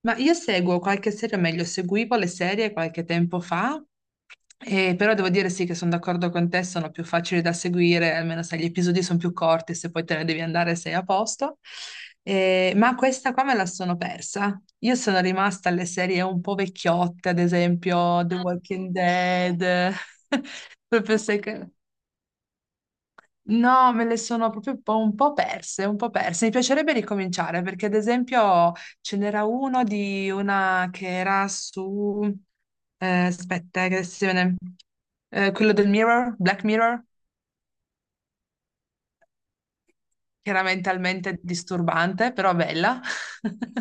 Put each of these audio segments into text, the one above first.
Ma io seguo qualche serie, o meglio, seguivo le serie qualche tempo fa, e però devo dire sì che sono d'accordo con te, sono più facili da seguire, almeno se gli episodi sono più corti, se poi te ne devi andare sei a posto. Ma questa qua me la sono persa. Io sono rimasta alle serie un po' vecchiotte, ad esempio The Walking Dead, proprio secco. No, me le sono proprio un po' perse, un po' perse. Mi piacerebbe ricominciare perché, ad esempio, ce n'era uno di una che era su... aspetta, che adesso si viene- quello del Mirror, Black Mirror, che era mentalmente disturbante, però bella.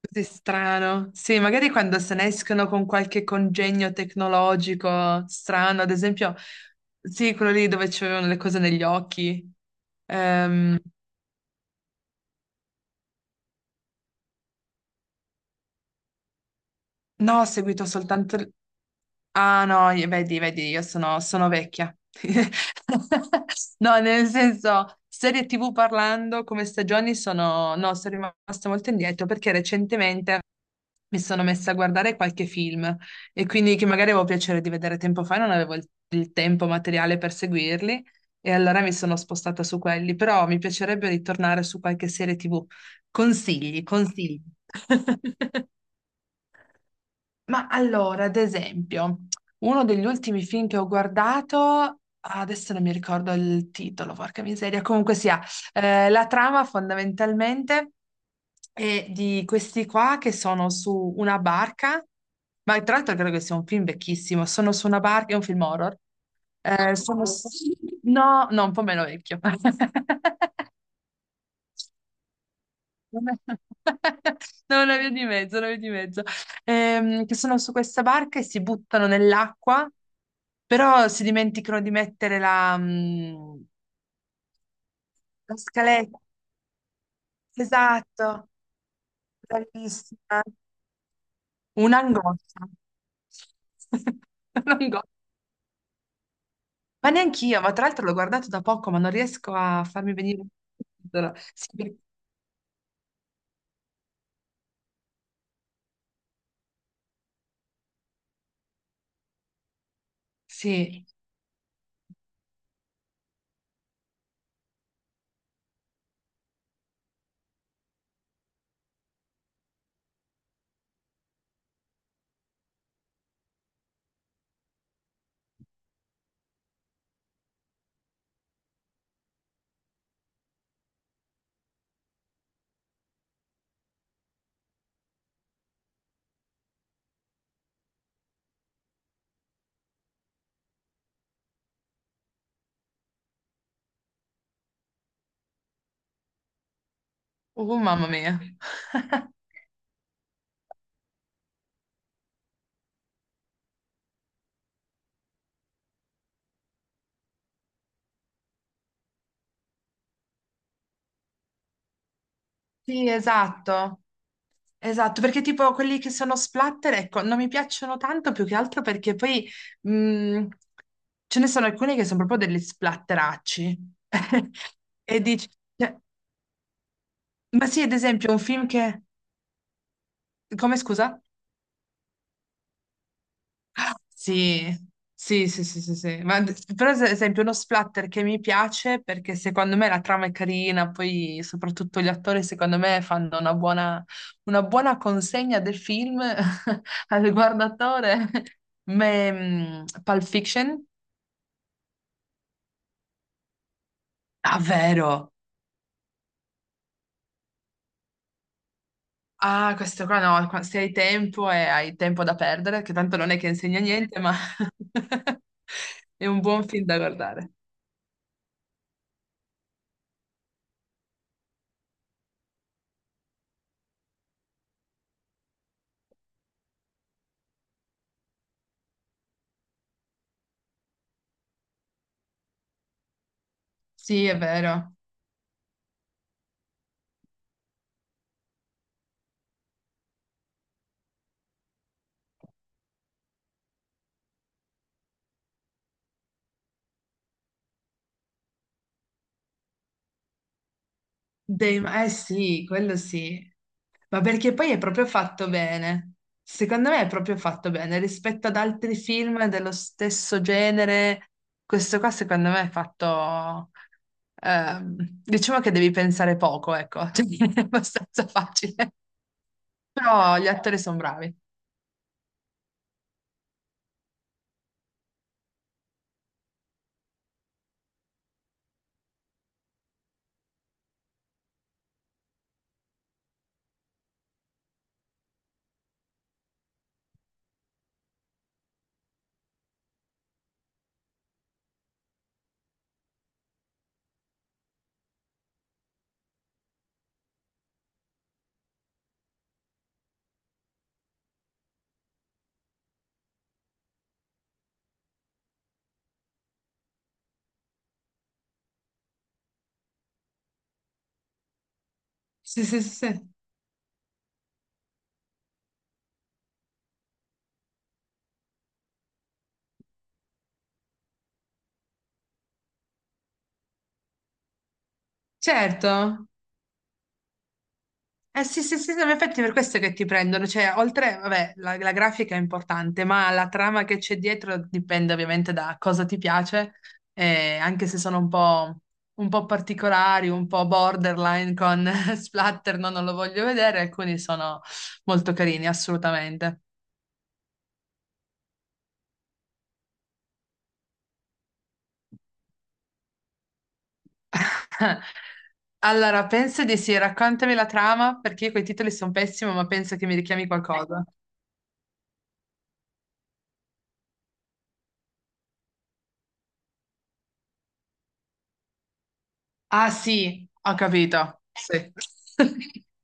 Così strano. Sì, magari quando se ne escono con qualche congegno tecnologico strano, ad esempio, sì, quello lì dove c'erano le cose negli occhi. Ehm, no, ho seguito soltanto. Ah no, vedi, vedi, io sono, sono vecchia. No, nel senso, serie TV parlando come stagioni sono... No, sono rimasta molto indietro perché recentemente mi sono messa a guardare qualche film e quindi che magari avevo piacere di vedere tempo fa, non avevo il tempo materiale per seguirli e allora mi sono spostata su quelli, però mi piacerebbe ritornare su qualche serie TV. Consigli, consigli. Ma allora, ad esempio, uno degli ultimi film che ho guardato, adesso non mi ricordo il titolo, porca miseria, comunque sia, la trama fondamentalmente è di questi qua che sono su una barca, ma tra l'altro credo che sia un film vecchissimo, sono su una barca, è un film horror, eh, sono... s- no, no, un po' meno vecchio. Non è no, una via di mezzo, una via di mezzo. Che sono su questa barca e si buttano nell'acqua, però si dimenticano di mettere la scaletta. Esatto, bravissima. Un'angoscia. Un'angoscia. Ma neanch'io, ma tra l'altro l'ho guardato da poco, ma non riesco a farmi venire il titolo. Sì, sì. Oh, mamma mia. Sì, esatto. Esatto, perché tipo quelli che sono splatter, ecco, non mi piacciono tanto più che altro perché poi mh, ce ne sono alcuni che sono proprio degli splatteracci. E dici, cioè, ma sì, ad esempio, un film che... Come scusa? Sì, sì, sì, sì, sì, sì. Ma, però ad esempio uno splatter che mi piace perché secondo me la trama è carina, poi soprattutto gli attori secondo me fanno una buona consegna del film al guardatore. Ma, Pulp Fiction? Ah, vero. Ah, questo qua no, se hai tempo e hai tempo da perdere, che tanto non è che insegna niente, ma è un buon film da guardare. Sì, è vero. Eh sì, quello sì. Ma perché poi è proprio fatto bene. Secondo me è proprio fatto bene rispetto ad altri film dello stesso genere. Questo qua secondo me è fatto... ehm, diciamo che devi pensare poco, ecco. Cioè, è abbastanza facile. Però gli attori sono bravi. Sì, sì, sì, sì. Certo. Eh sì, sì, sì, sì, in effetti è per questo che ti prendono, cioè oltre, vabbè, la grafica è importante, ma la trama che c'è dietro dipende ovviamente da cosa ti piace, anche se sono un po' particolari, un po' borderline con splatter, no, non lo voglio vedere, alcuni sono molto carini, assolutamente. Allora, penso di sì, raccontami la trama, perché io coi titoli sono pessimo, ma penso che mi richiami qualcosa. Ah sì, ho capito, sì,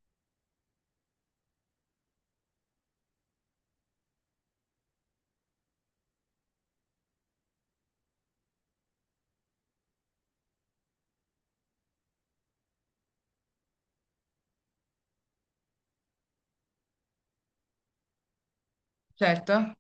certo.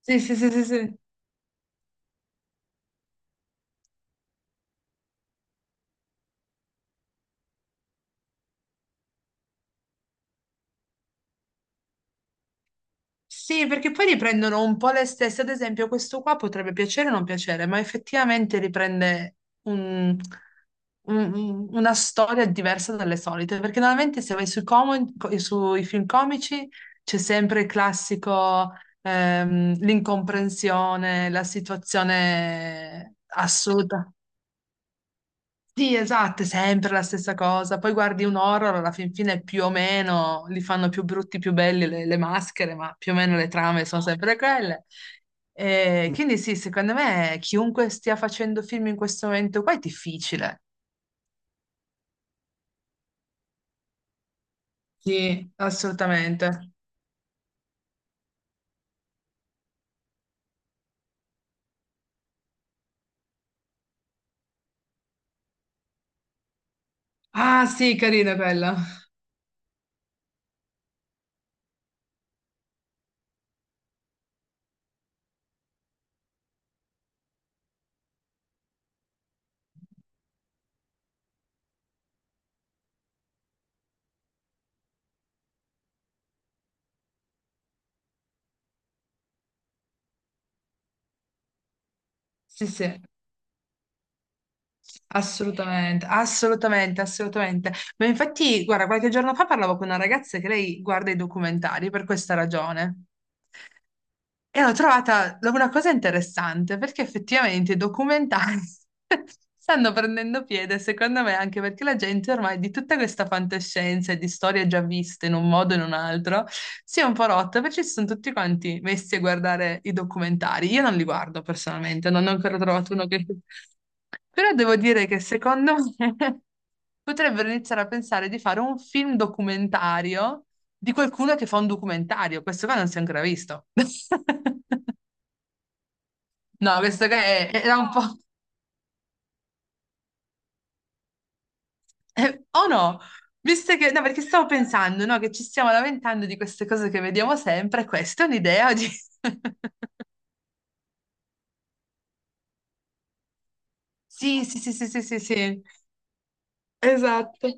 Sì, sì, sì, sì, sì. Sì, perché poi riprendono un po' le stesse. Ad esempio, questo qua potrebbe piacere o non piacere, ma effettivamente riprende un- una storia diversa dalle solite. Perché normalmente se vai sui, sui film comici c'è sempre il classico, l'incomprensione, la situazione assoluta. Sì, esatto, è sempre la stessa cosa. Poi guardi un horror, alla fin fine più o meno li fanno più brutti, più belli le maschere, ma più o meno le trame sono sempre quelle. E quindi sì, secondo me chiunque stia facendo film in questo momento qua è difficile. Sì. Assolutamente. Ah, sì, carina quella. Sì, sì, assolutamente, assolutamente, assolutamente. Ma infatti, guarda, qualche giorno fa parlavo con una ragazza che lei guarda i documentari per questa ragione. E ho trovata una cosa interessante perché effettivamente i documentari stanno prendendo piede, secondo me, anche perché la gente ormai di tutta questa fantascienza e di storie già viste in un modo o in un altro si è un po' rotta perché si sono tutti quanti messi a guardare i documentari. Io non li guardo personalmente, non ne ho ancora trovato uno che... Però devo dire che secondo me potrebbero iniziare a pensare di fare un film documentario di qualcuno che fa un documentario. Questo qua non si è ancora visto. No, questo era un po'... o no? Visto che... No, perché stavo pensando, no, che ci stiamo lamentando di queste cose che vediamo sempre, questa è un'idea di... Sì, sì, sì, sì, sì, sì, sì. Esatto.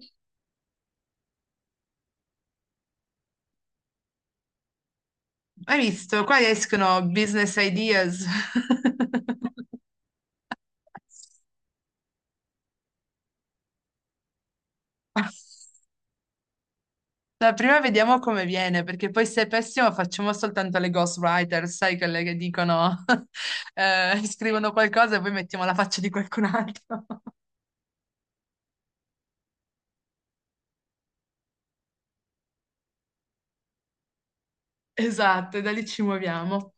Hai visto? Qua escono business ideas. No, prima vediamo come viene, perché poi se è pessimo facciamo soltanto le ghostwriter, sai, quelle che dicono, scrivono qualcosa e poi mettiamo la faccia di qualcun altro. Esatto, e da lì ci muoviamo.